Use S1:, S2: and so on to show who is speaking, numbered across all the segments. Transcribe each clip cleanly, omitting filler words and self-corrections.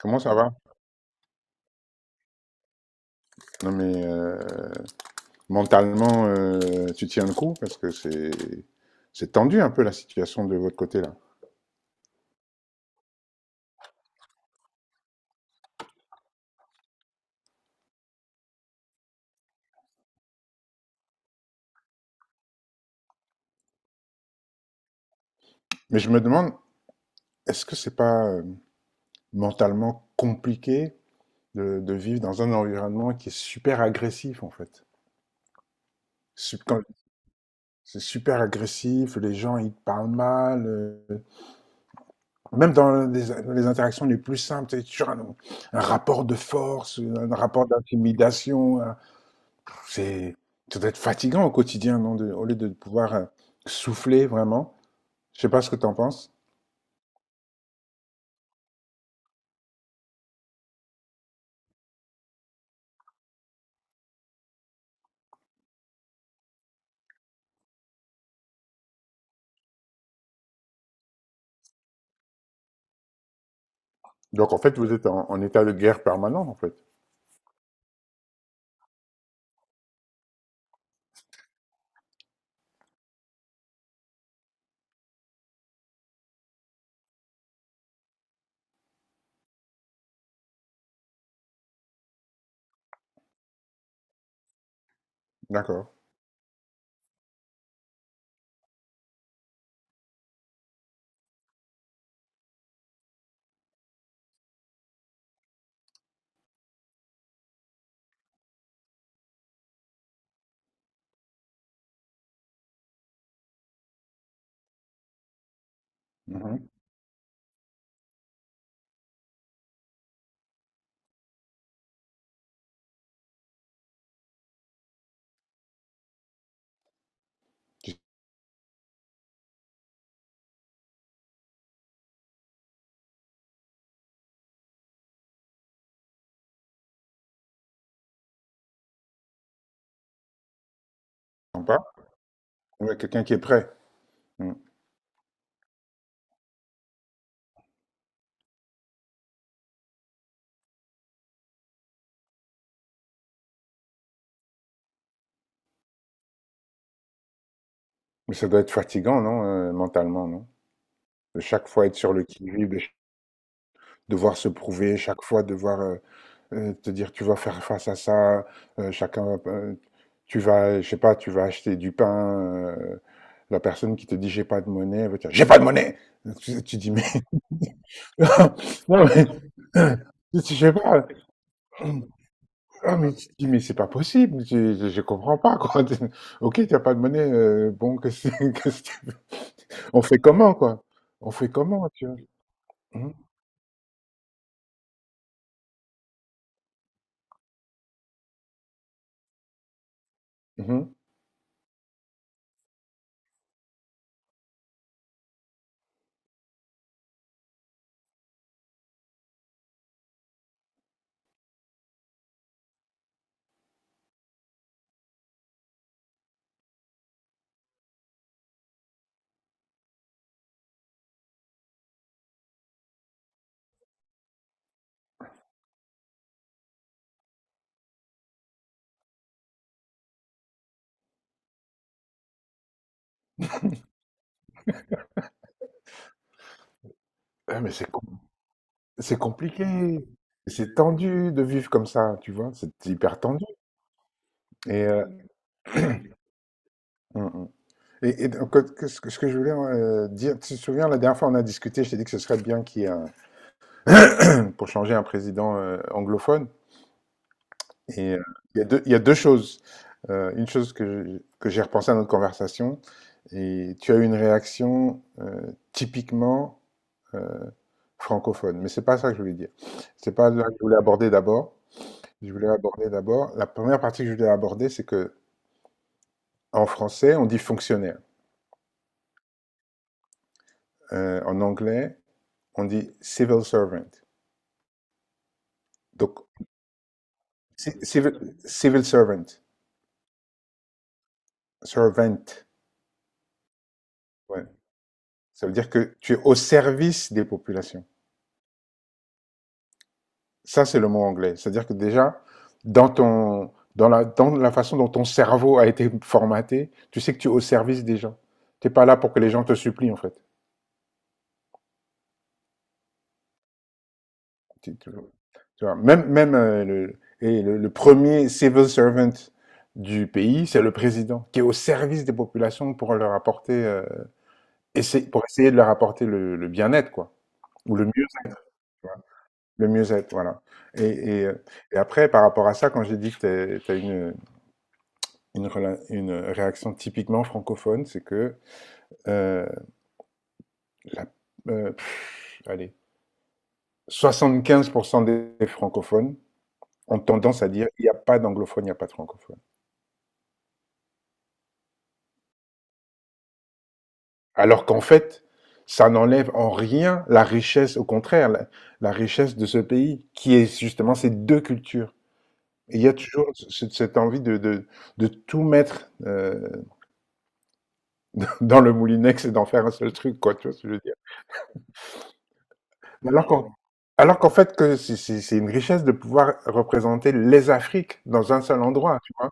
S1: Comment ça va? Non mais mentalement, tu tiens le coup parce que c'est tendu un peu la situation de votre côté là. Mais je me demande, est-ce que c'est pas mentalement compliqué de vivre dans un environnement qui est super agressif en fait? Sup- quand- C'est super agressif, les gens ils te parlent mal, même dans les interactions les plus simples, c'est toujours un rapport de force, un rapport d'intimidation. C'est, Ça doit être fatigant au quotidien, non, au lieu de pouvoir souffler vraiment. Je sais pas ce que tu en penses. Donc en fait, vous êtes en état de guerre permanent, en fait. D'accord. Mhm. Tu sens pas? Ouais, quelqu'un qui est prêt. Mm. Mais ça doit être fatigant, non, mentalement, non? De chaque fois être sur le qui-vive, devoir se prouver, chaque fois devoir te dire tu vas faire face à ça, chacun va, tu vas, je sais pas, tu vas acheter du pain, euh, la personne qui te dit j'ai pas de monnaie, elle va te dire j'ai pas de monnaie. Tu dis mais non mais je sais pas. Ah, mais tu te dis mais c'est pas possible, je comprends pas quoi. Ok, t'as pas de monnaie, bon qu'est-ce que qu'est-ce que tu veux. On fait comment quoi? On fait comment tu vois? Mhm, mhm. Ah, mais c'est compliqué, c'est tendu de vivre comme ça, tu vois, c'est hyper tendu. Et, mm, mm. Et donc, ce que je voulais dire, tu te souviens, la dernière fois on a discuté, je t'ai dit que ce serait bien qu'il y ait un. Pour changer un président anglophone. Et il y a deux choses. Une chose que que j'ai repensé à notre conversation, et tu as eu une réaction typiquement euh, francophone. Mais c'est pas ça que je voulais dire. C'est pas là que je voulais aborder d'abord. Je voulais aborder d'abord. La première partie que je voulais aborder, c'est que En français, on dit fonctionnaire. En anglais, on dit civil servant. Donc, civil servant, ouais. Ça veut dire que tu es au service des populations. Ça, c'est le mot anglais. C'est-à-dire que déjà, dans la façon dont ton cerveau a été formaté, tu sais que tu es au service des gens. Tu n'es pas là pour que les gens te supplient, en fait. Tu, tu- vois, tu vois, même, le premier civil servant du pays, c'est le président, qui est au service des populations pour leur apporter, pour essayer de leur apporter le bien-être, quoi, ou le mieux-être, voilà. Et, et, euh, et après, par rapport à ça, quand j'ai dit que tu as une réaction typiquement francophone, c'est que euh, la, allez, 75% des francophones ont tendance à dire il n'y a pas d'anglophone, il n'y a pas de francophone. Alors qu'en fait, ça n'enlève en rien la richesse, au contraire, la richesse de ce pays, qui est justement ces deux cultures. Et il y a toujours cette envie de tout mettre dans le moulinex et d'en faire un seul truc, quoi, tu vois ce que je veux dire. Alors qu'en alors qu'en fait, que c'est une richesse de pouvoir représenter les Afriques dans un seul endroit, tu vois.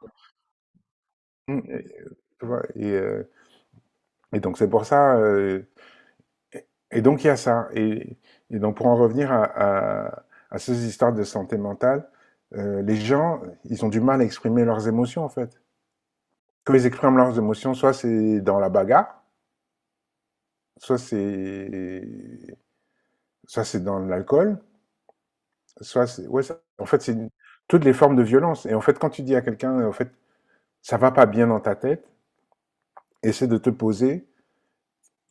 S1: Mm, tu vois, et donc c'est pour ça. Et donc il y a ça. Et donc pour en revenir à ces histoires de santé mentale, les gens, ils ont du mal à exprimer leurs émotions en fait. Quand ils expriment leurs émotions, soit c'est dans la bagarre, soit c'est soit c'est dans l'alcool, soit c'est ouais, ça en fait c'est toutes les formes de violence. Et en fait quand tu dis à quelqu'un en fait ça va pas bien dans ta tête, essaie de te poser,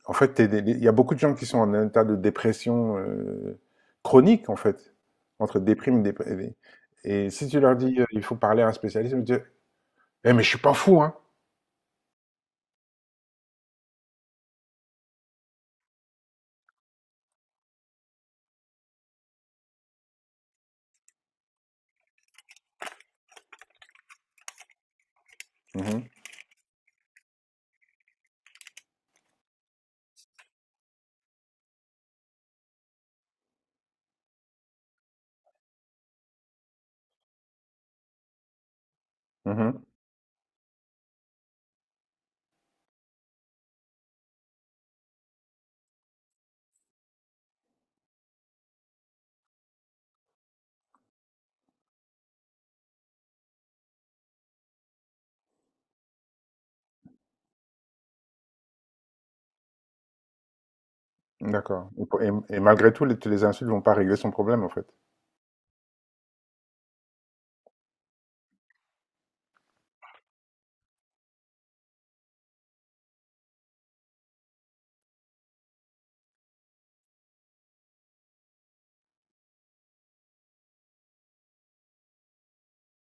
S1: en fait, il y a beaucoup de gens qui sont en état de dépression chronique, en fait, entre déprime et déprime. Et si tu leur dis, il faut parler à un spécialiste, ils vont dire, eh, mais je suis pas fou, hein. Mhm, mhm. D'accord. Et, et malgré tout, les insultes vont pas régler son problème, en fait.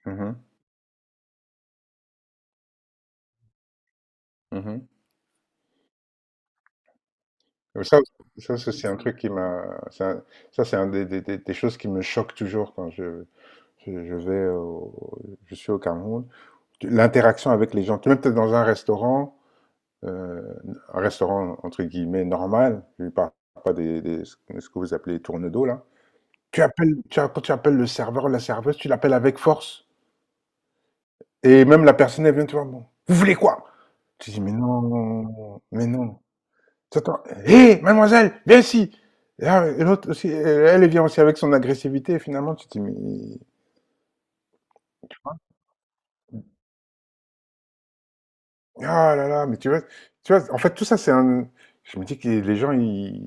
S1: Mhm, mhm. Et ça, c'est un truc qui m'a. c'est un- Ça, c'est un des choses qui me choque toujours quand je, je vais au- je suis au Cameroun. L'interaction avec les gens. Tu es peut-être dans euh, un restaurant entre guillemets normal, je ne parle pas ce que vous appelez les tourne-dos là. Tu appelles, tu as- Quand tu appelles le serveur ou la serveuse, tu l'appelles avec force. Et même la personne, elle vient te voir, bon, vous voulez quoi? Tu dis, mais non, mais non. T'entends, hé, mademoiselle, viens ici. Et là, et l'autre aussi, elle vient aussi avec son agressivité, et finalement, tu te dis, mais, ah là là, mais tu vois, en fait, tout ça, c'est un, je me dis que les gens,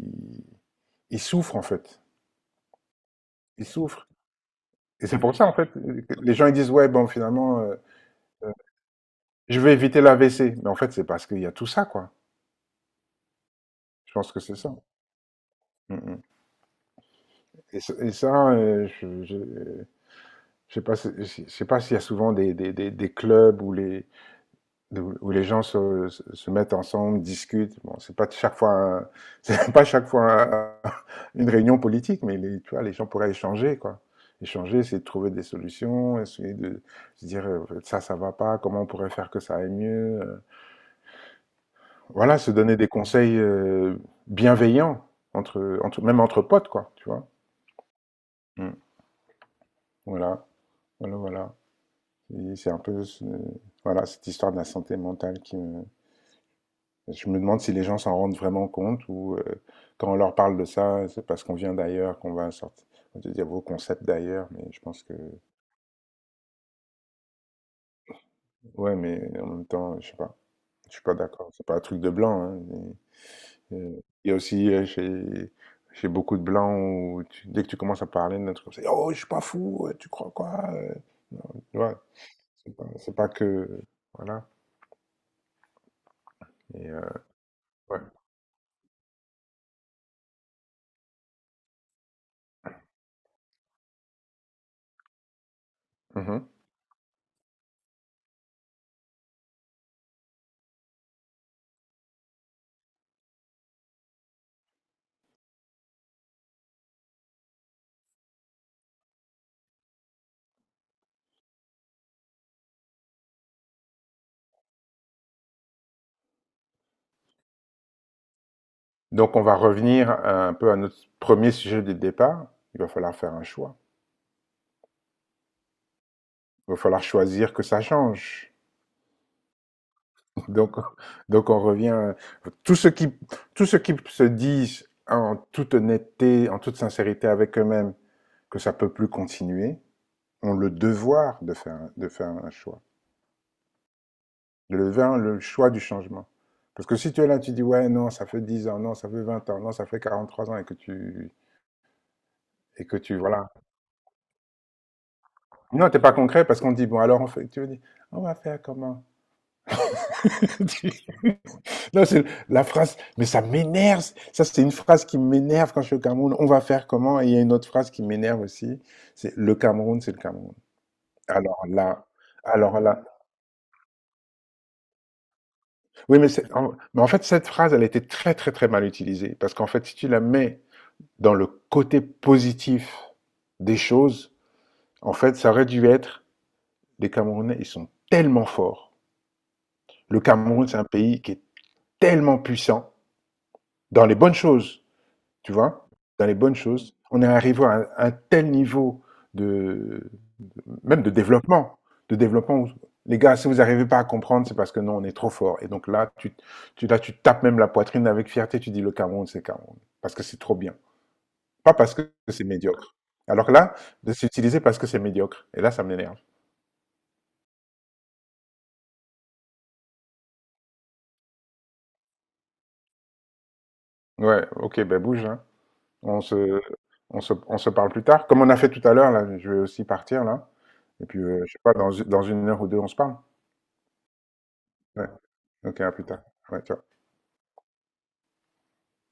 S1: ils souffrent, en fait. Ils souffrent. Et c'est pour ça, en fait, que les gens ils disent, ouais, bon, finalement, je vais éviter la l'AVC. Mais en fait, c'est parce qu'il y a tout ça, quoi. Je pense que c'est ça. Mm, mm. Et, et ça, je sais pas, si- si, je sais pas s'il y a souvent des clubs où les gens se mettent ensemble, discutent. Bon, c'est pas chaque fois, c'est pas chaque fois une réunion politique, mais tu vois, les gens pourraient échanger, quoi. Échanger, essayer de trouver des solutions, essayer de se dire, ça va pas, comment on pourrait faire que ça aille mieux. Voilà, se donner des conseils bienveillants entre entre même entre potes quoi, tu vois? Mmh. Voilà, voilà, voilà, et c'est un peu cette histoire de la santé mentale qui me je me demande si les gens s'en rendent vraiment compte ou, quand on leur parle de ça, c'est parce qu'on vient d'ailleurs qu'on va sorti, on va te dire: «Vos concepts d'ailleurs», mais je pense que, ouais, mais en même temps, je sais pas, je suis pas d'accord. C'est pas un truc de blanc, hein, mais il y a aussi, chez, chez beaucoup de blancs où dès que tu commences à parler, un truc comme ça: oh, je suis pas fou, tu crois quoi? Tu vois, c'est pas que. Voilà. Et, ouais. Mhm. Donc, on va revenir un peu à notre premier sujet de départ. Il va falloir faire un choix. Il va falloir choisir que ça change. Donc, donc on revient. Tout ce qui, tout ce qui se dit en toute honnêteté, en toute sincérité avec eux-mêmes, que ça peut plus continuer, ont le devoir de faire un choix, de faire le choix du changement. Parce que si tu es là, tu dis, ouais, non, ça fait 10 ans, non, ça fait 20 ans, non, ça fait 43 ans et que tu, voilà. Non, t'es pas concret parce qu'on dit, bon, alors on fait, tu veux dire, on va faire comment? Non, c'est la phrase, mais ça m'énerve. Ça, c'est une phrase qui m'énerve quand je suis au Cameroun. On va faire comment? Et il y a une autre phrase qui m'énerve aussi. C'est le Cameroun, c'est le Cameroun. Alors là, alors là. Oui, mais, mais en fait, cette phrase, elle a été très, très, très mal utilisée. Parce qu'en fait, si tu la mets dans le côté positif des choses, en fait, ça aurait dû être: les Camerounais, ils sont tellement forts. Le Cameroun, c'est un pays qui est tellement puissant dans les bonnes choses. Tu vois, dans les bonnes choses. On est arrivé à un tel niveau de, de- même de développement, où, les gars, si vous n'arrivez pas à comprendre, c'est parce que non, on est trop fort. Et donc là, tu tapes même la poitrine avec fierté, tu dis le Cameroun, c'est Cameroun, parce que c'est trop bien, pas parce que c'est médiocre. Alors que là, de s'utiliser parce que c'est médiocre. Et là, ça m'énerve. Ouais, ok, ben bouge, hein. On se, on se parle plus tard. Comme on a fait tout à l'heure, là, je vais aussi partir, là. Et puis, je sais pas, dans une heure ou deux, on se parle. Ouais. Ok, à plus tard. Ouais, ciao.